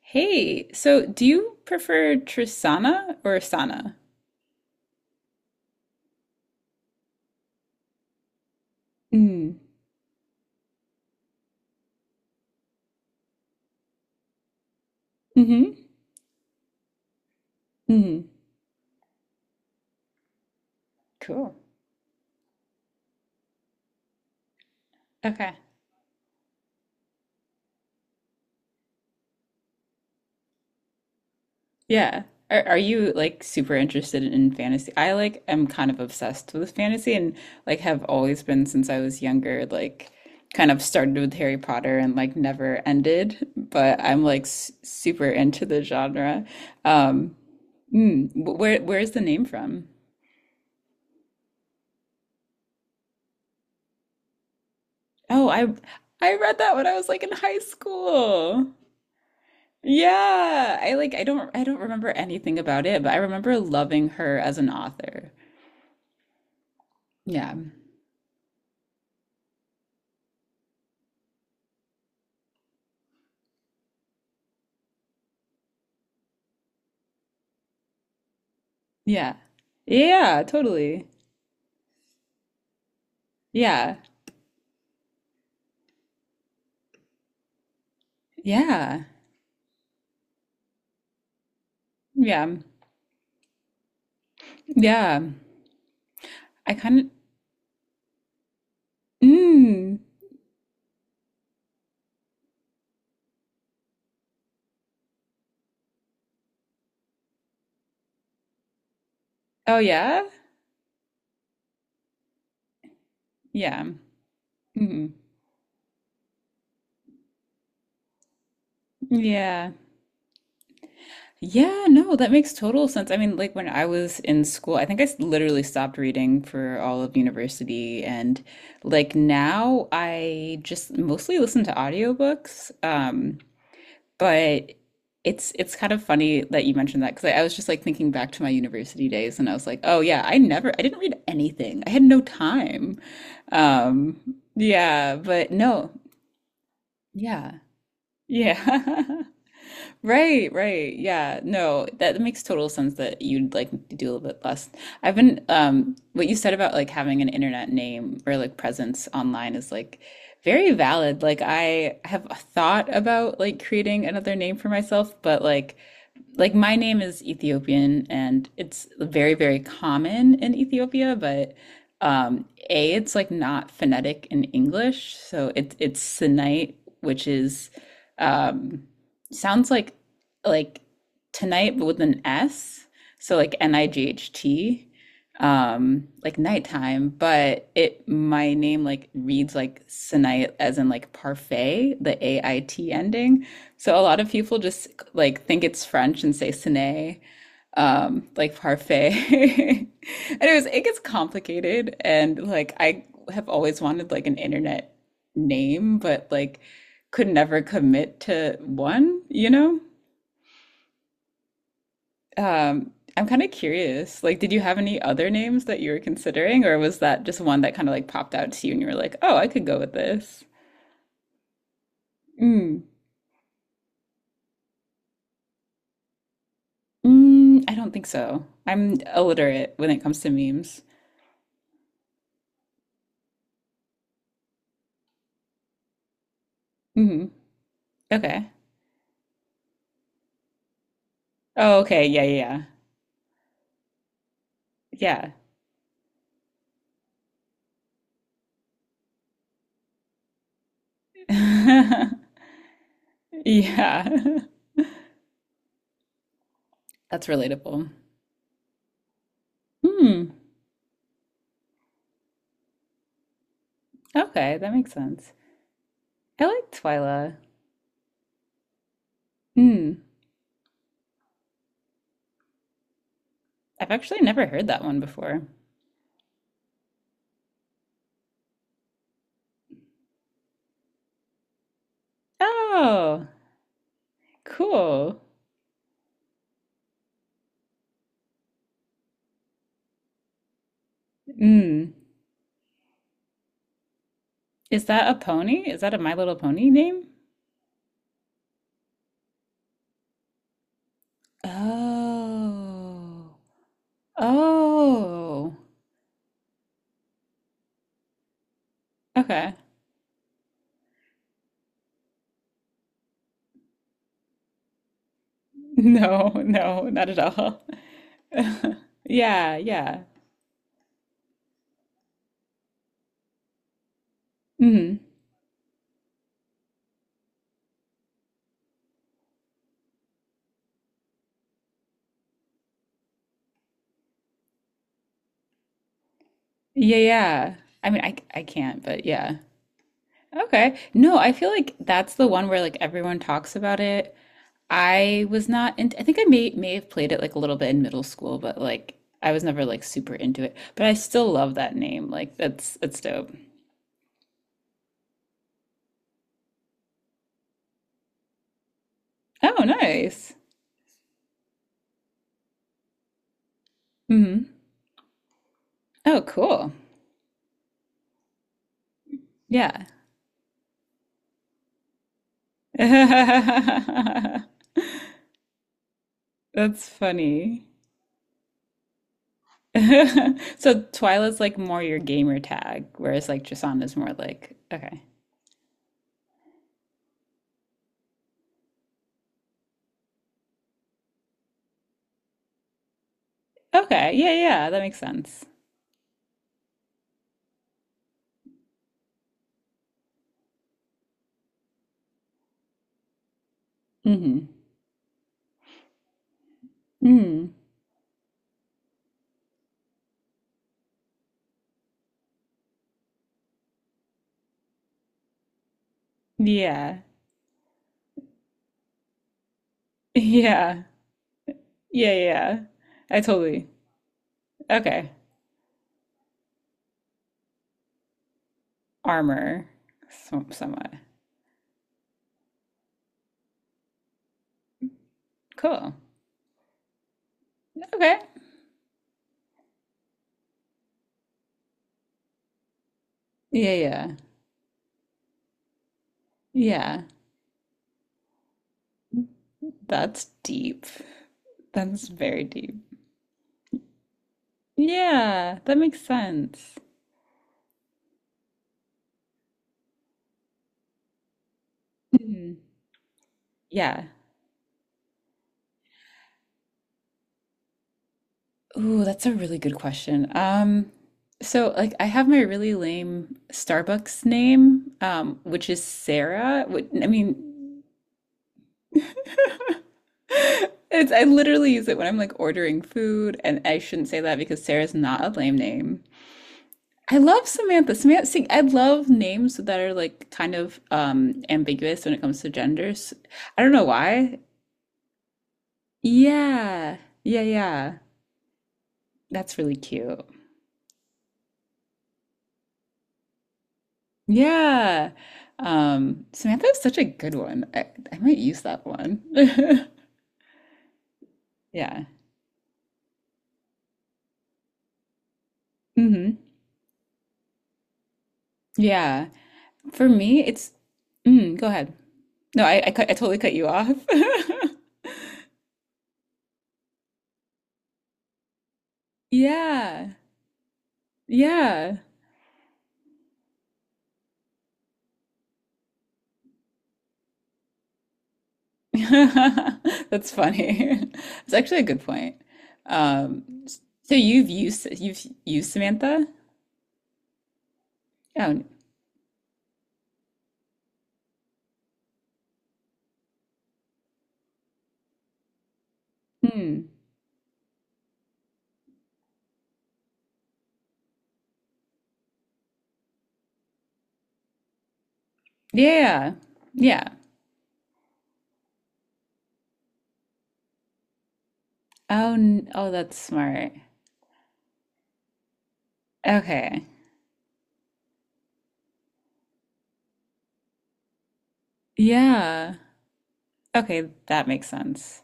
Hey, so do you prefer Trisana or Asana? Mm. Mm-hmm. Mm-hmm. Cool. Okay. Yeah. Are you like super interested in fantasy? I like am kind of obsessed with fantasy and like have always been since I was younger, like kind of started with Harry Potter and like never ended, but I'm like s super into the genre. Um, where's the name from? Oh, I I read that when I was like in high school. Yeah, I like I don't remember anything about it, but I remember loving her as an author. Yeah. Yeah. Yeah, totally. Yeah. Yeah. Yeah. Yeah. I kind of mm. Oh yeah? Yeah. Mm. Yeah. Yeah, no, that makes total sense. I mean, like when I was in school, I think literally stopped reading for all of university and like now I just mostly listen to audiobooks. But it's kind of funny that you mentioned that because I was just like thinking back to my university days and I was like, oh yeah, I didn't read anything. I had no time. Yeah, but no, yeah. Yeah. Right, right. Yeah. No, that makes total sense that you'd like do a little bit less. I've been what you said about like having an internet name or like presence online is like very valid. Like I have thought about like creating another name for myself, but like my name is Ethiopian and it's very, very common in Ethiopia, but A, it's like not phonetic in English. So it's Sinite, which is um, sounds like like tonight, but with an S. So like night, like nighttime, but it my name like reads like Sinite as in like parfait, the A-I-T ending. So a lot of people just like think it's French and say ciné, like parfait. Anyways, it gets complicated and like I have always wanted like an internet name, but like could never commit to one, you know? Um, I'm kind of curious. Like, did you have any other names that you were considering, or was that just one that kind of like popped out to you and you were like, oh, I could go with this? Mm. Mm, I don't think so. I'm illiterate when it comes to memes. Mhm. Okay. Oh, okay. Yeah, yeah, yeah. Yeah. Yeah. That's relatable. Hmm. Okay, that makes sense. I like Twyla. Hmm. I've actually never heard that one before. Oh, cool. Hmm. Is that a pony? Is that a My Little Pony name? Oh. Oh. Okay. No, no, not at all. Yeah, yeah. Hmm. Yeah, yeah. I mean, I can't, but yeah. Okay. No, I feel like that's the one where like everyone talks about it. I was not into, I think I may have played it like a little bit in middle school, but like I was never like super into it. But I still love that name. Like that's dope. Oh, nice. Hmm. Oh, cool. Yeah. That's funny. So Twyla's like more your gamer tag, whereas like Jasana's more like okay. Okay. Yeah, yeah, that makes sense. Mm-hmm. Mm. Yeah. Yeah. Yeah, yeah. I totally. Okay. Armor. Somewhat. Cool. Okay. Yeah, yeah. Yeah. That's deep. That's very deep. Yeah, that makes sense. Mhm. Yeah. Ooh, that's a really good question. So like I have my really lame Starbucks name, which is Sarah. I mean, it's I literally use it when I'm like ordering food, and I shouldn't say that because Sarah's not a lame name. I love Samantha. Samantha, see, I love names that are like kind of ambiguous when it comes to genders. I don't know why. Yeah. Yeah, yeah. That's really cute. Yeah. Samantha is such a good one. I might use that one. Yeah. Hmm. Yeah. For me, it's mm, go ahead. No, I totally cut you off. Yeah. Yeah. That's funny. It's actually a good point. Um, so you've used Samantha? Oh, hmm. Yeah. Yeah. Yeah. Yeah. Oh, oh, that's smart. Okay. Yeah. Okay, that makes sense.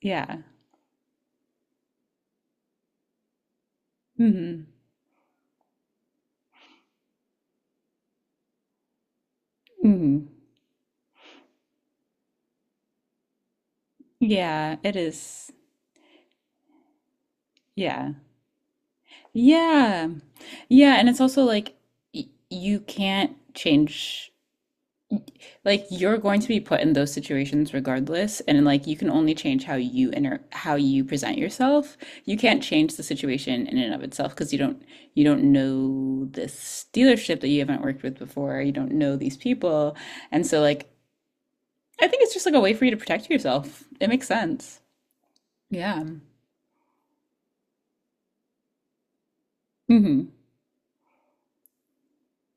Yeah. Hmm. Hmm. Yeah, it is. Yeah. Yeah. Yeah, and it's also like y you can't change like you're going to be put in those situations regardless and like you can only change how you present yourself. You can't change the situation in and of itself because you don't know this dealership that you haven't worked with before. You don't know these people. And so like I think it's just like a way for you to protect yourself. It makes sense. Yeah. Mm-hmm.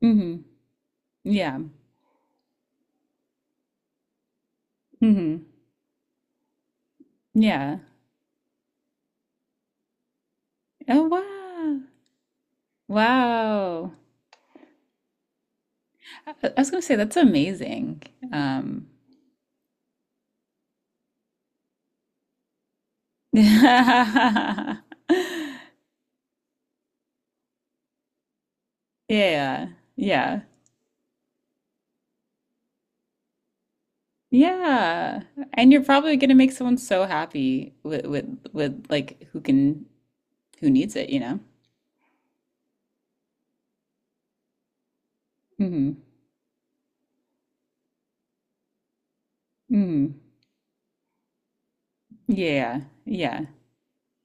Mm-hmm. Yeah. Mm-hmm. Yeah. Oh wow. Wow. I was gonna say that's amazing. Um, yeah, yeah, yeah. And you're probably gonna make someone so happy with like who can who needs it, you know? Mm-hmm. Mm-hmm. Yeah, yeah.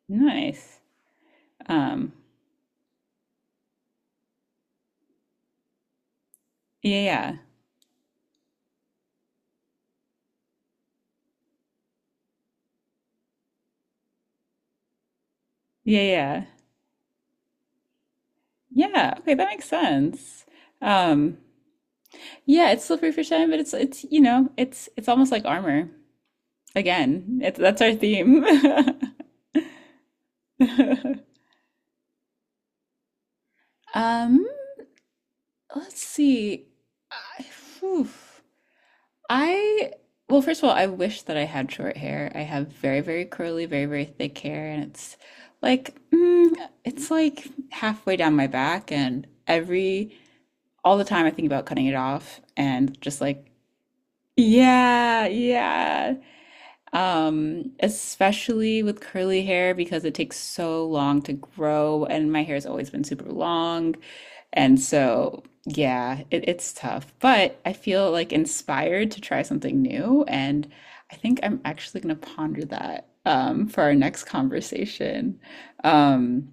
Nice. Um, yeah, yeah, yeah, yeah. Yeah, okay, that makes sense. Um, yeah, it's slippery for shine, but it's you know, it's almost like armor. Again, it's, that's our theme. um, let's see. I, whew. I, well, first of all, I wish that I had short hair. I have very, very curly, very, very thick hair, and it's like, mm, it's like halfway down my back, and all the time I think about cutting it off and just like, yeah, yeah. Especially with curly hair because it takes so long to grow, and my hair's always been super long. And so, yeah, it's tough, but I feel like inspired to try something new, and I think I'm actually gonna ponder that for our next conversation. Um,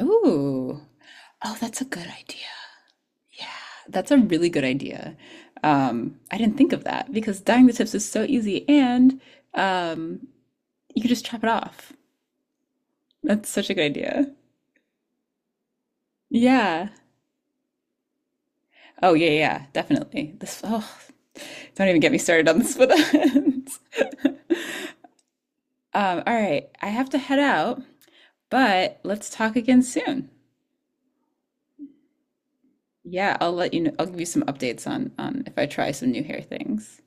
ooh, oh, that's a good idea. Yeah, that's a really good idea. I didn't think of that because dyeing the tips is so easy and um. You could just chop it off. That's such a good idea. Yeah. Oh yeah, yeah, definitely. This oh, don't even get me started on the split ends. All right, I have to head out, but let's talk again soon. Yeah, I'll let you know. I'll give you some updates on if I try some new hair things.